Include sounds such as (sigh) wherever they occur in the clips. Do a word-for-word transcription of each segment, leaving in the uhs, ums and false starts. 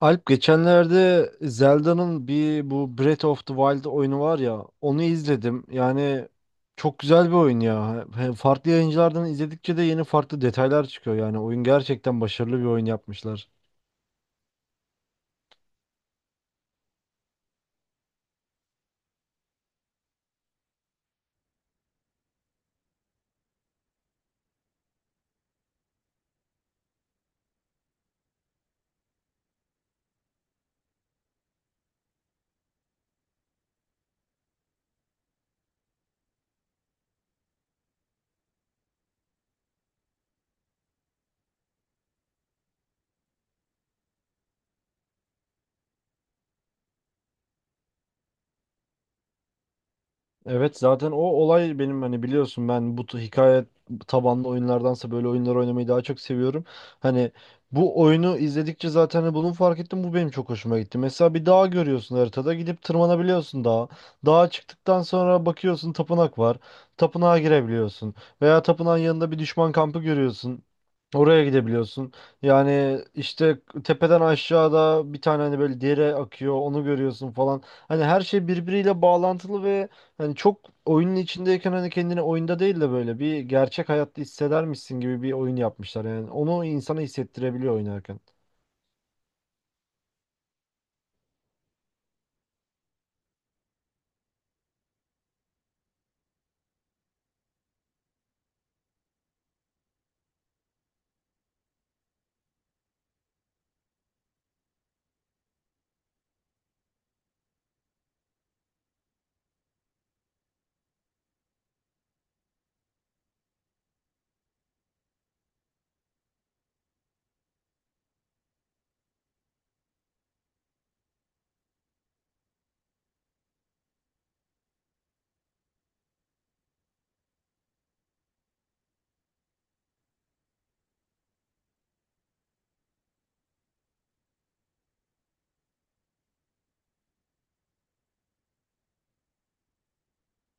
Alp geçenlerde Zelda'nın bir bu Breath of the Wild oyunu var ya onu izledim. Yani çok güzel bir oyun ya. He- Farklı yayıncılardan izledikçe de yeni farklı detaylar çıkıyor. Yani oyun gerçekten başarılı bir oyun yapmışlar. Evet, zaten o olay benim, hani biliyorsun, ben bu t- hikaye tabanlı oyunlardansa böyle oyunlar oynamayı daha çok seviyorum. Hani bu oyunu izledikçe zaten hani bunu fark ettim, bu benim çok hoşuma gitti. Mesela bir dağ görüyorsun haritada, gidip tırmanabiliyorsun dağa. Dağa çıktıktan sonra bakıyorsun tapınak var. Tapınağa girebiliyorsun. Veya tapınağın yanında bir düşman kampı görüyorsun. Oraya gidebiliyorsun. Yani işte tepeden aşağıda bir tane hani böyle dere akıyor, onu görüyorsun falan. Hani her şey birbiriyle bağlantılı ve hani çok, oyunun içindeyken hani kendini oyunda değil de böyle bir gerçek hayatta hissedermişsin gibi bir oyun yapmışlar. Yani onu insana hissettirebiliyor oynarken.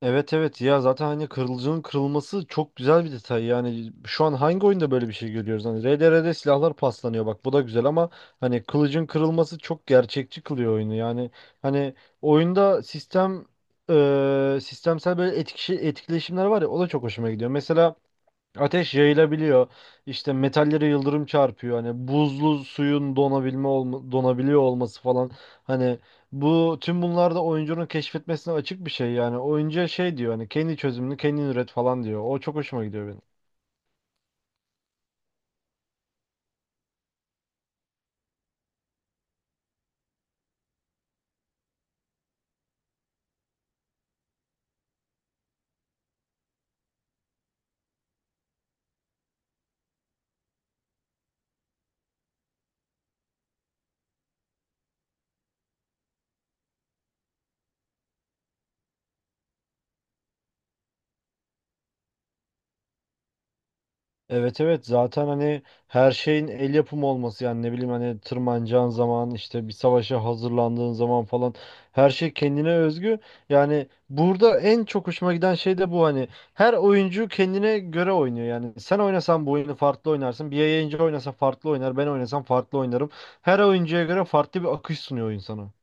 Evet, evet ya, zaten hani kırılıcının kırılması çok güzel bir detay. Yani şu an hangi oyunda böyle bir şey görüyoruz? Hani R D R'de silahlar paslanıyor, bak bu da güzel ama hani kılıcın kırılması çok gerçekçi kılıyor oyunu. Yani hani oyunda sistem, eee, sistemsel böyle etki, etkileşimler var ya, o da çok hoşuma gidiyor. Mesela ateş yayılabiliyor. İşte metallere yıldırım çarpıyor. Hani buzlu suyun donabilme olma- donabiliyor olması falan. Hani bu tüm bunlar da oyuncunun keşfetmesine açık bir şey yani. Oyuncuya şey diyor, hani kendi çözümünü kendin üret falan diyor. O çok hoşuma gidiyor benim. Evet evet, zaten hani her şeyin el yapımı olması, yani ne bileyim hani tırmanacağın zaman, işte bir savaşa hazırlandığın zaman falan, her şey kendine özgü. Yani burada en çok hoşuma giden şey de bu, hani her oyuncu kendine göre oynuyor, yani sen oynasan bu oyunu farklı oynarsın, bir yayıncı oynasa farklı oynar, ben oynasam farklı oynarım. Her oyuncuya göre farklı bir akış sunuyor oyun sana.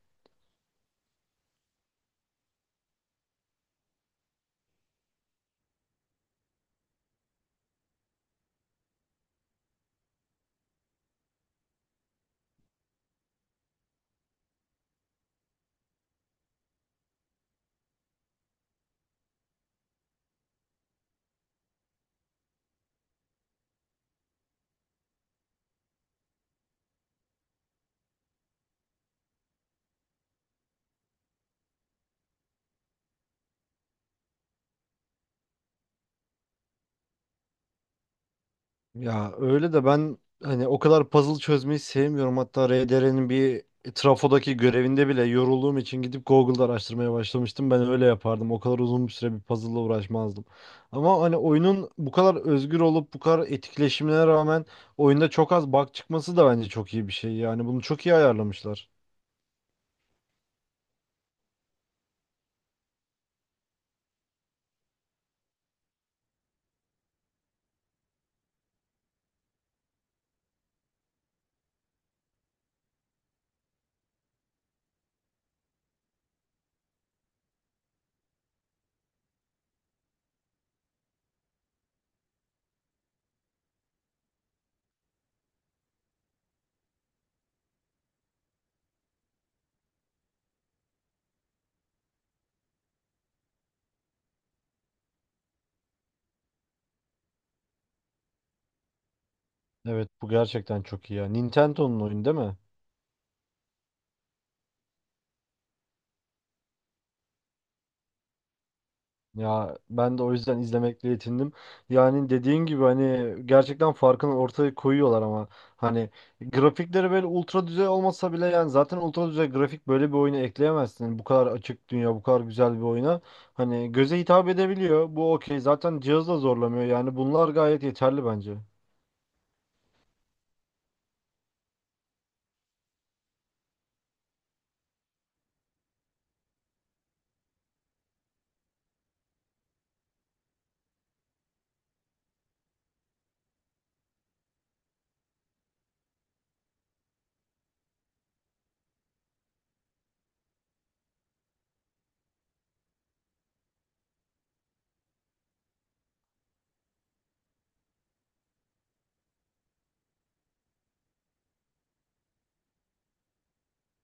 Ya öyle de, ben hani o kadar puzzle çözmeyi sevmiyorum. Hatta R D R'nin bir trafodaki görevinde bile yorulduğum için gidip Google'da araştırmaya başlamıştım. Ben öyle yapardım. O kadar uzun bir süre bir puzzle'la uğraşmazdım. Ama hani oyunun bu kadar özgür olup bu kadar etkileşimine rağmen oyunda çok az bug çıkması da bence çok iyi bir şey. Yani bunu çok iyi ayarlamışlar. Evet, bu gerçekten çok iyi ya. Nintendo'nun oyunu değil mi? Ya ben de o yüzden izlemekle yetindim. Yani dediğin gibi hani gerçekten farkını ortaya koyuyorlar ama hani grafikleri böyle ultra düzey olmasa bile, yani zaten ultra düzey grafik böyle bir oyuna ekleyemezsin. Hani bu kadar açık dünya, bu kadar güzel bir oyuna. Hani göze hitap edebiliyor. Bu okey. Zaten cihaz da zorlamıyor. Yani bunlar gayet yeterli bence.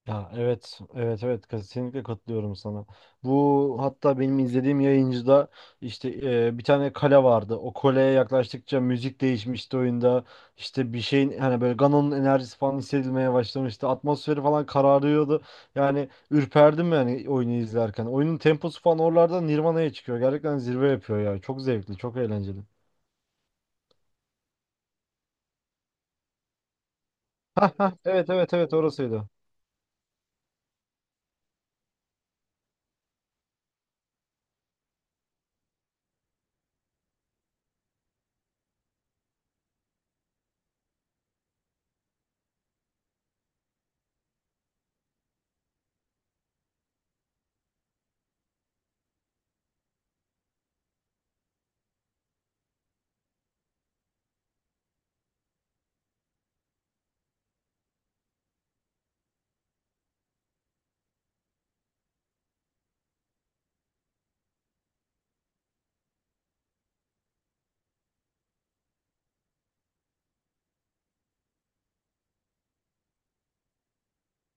Ya evet, evet, evet, kesinlikle katılıyorum sana. Bu hatta benim izlediğim yayıncıda işte, e, bir tane kale vardı. O kaleye yaklaştıkça müzik değişmişti oyunda. İşte bir şeyin hani böyle Ganon'un enerjisi falan hissedilmeye başlamıştı. Atmosferi falan kararıyordu. Yani ürperdim yani oyunu izlerken. Oyunun temposu falan oralarda Nirvana'ya çıkıyor. Gerçekten zirve yapıyor ya. Çok zevkli, çok eğlenceli. Ha ha, evet evet evet, orasıydı.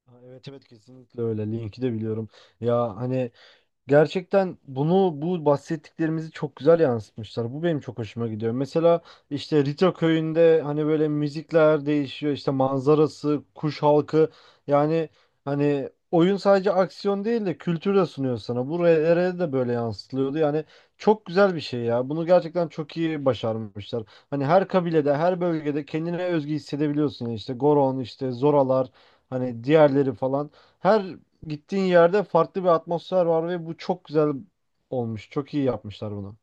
Ha, evet evet, kesinlikle öyle. Link'i de biliyorum. Ya hani gerçekten bunu, bu bahsettiklerimizi çok güzel yansıtmışlar. Bu benim çok hoşuma gidiyor. Mesela işte Rito köyünde hani böyle müzikler değişiyor, işte manzarası, kuş halkı, yani hani oyun sadece aksiyon değil de kültür de sunuyor sana. Buraya de böyle yansıtılıyordu. Yani çok güzel bir şey ya. Bunu gerçekten çok iyi başarmışlar. Hani her kabilede, her bölgede kendine özgü hissedebiliyorsun ya. İşte Goron, işte Zoralar, hani diğerleri falan. Her gittiğin yerde farklı bir atmosfer var ve bu çok güzel olmuş. Çok iyi yapmışlar bunu.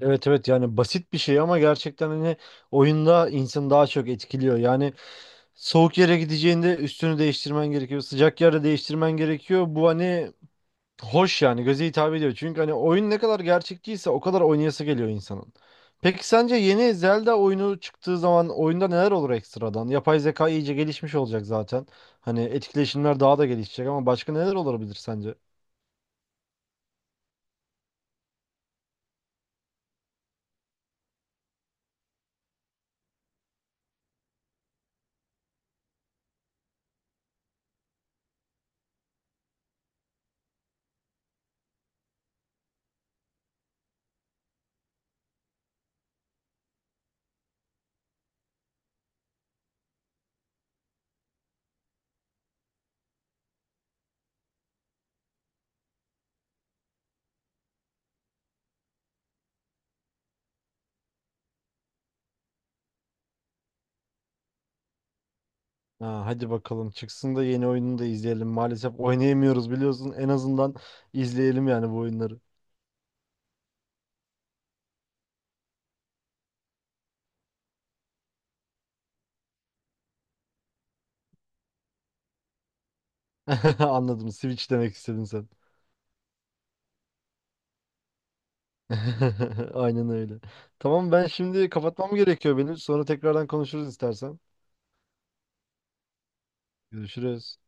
Evet evet, yani basit bir şey ama gerçekten hani oyunda insanı daha çok etkiliyor. Yani soğuk yere gideceğinde üstünü değiştirmen gerekiyor. Sıcak yere değiştirmen gerekiyor. Bu hani hoş, yani göze hitap ediyor. Çünkü hani oyun ne kadar gerçekçiyse o kadar oynayası geliyor insanın. Peki sence yeni Zelda oyunu çıktığı zaman oyunda neler olur ekstradan? Yapay zeka iyice gelişmiş olacak zaten. Hani etkileşimler daha da gelişecek ama başka neler olabilir sence? Ha, hadi bakalım çıksın da yeni oyununu da izleyelim. Maalesef oynayamıyoruz biliyorsun. En azından izleyelim yani bu oyunları. (laughs) Anladım. Switch demek istedin sen. (laughs) Aynen öyle. Tamam, ben şimdi kapatmam gerekiyor benim. Sonra tekrardan konuşuruz istersen. Görüşürüz.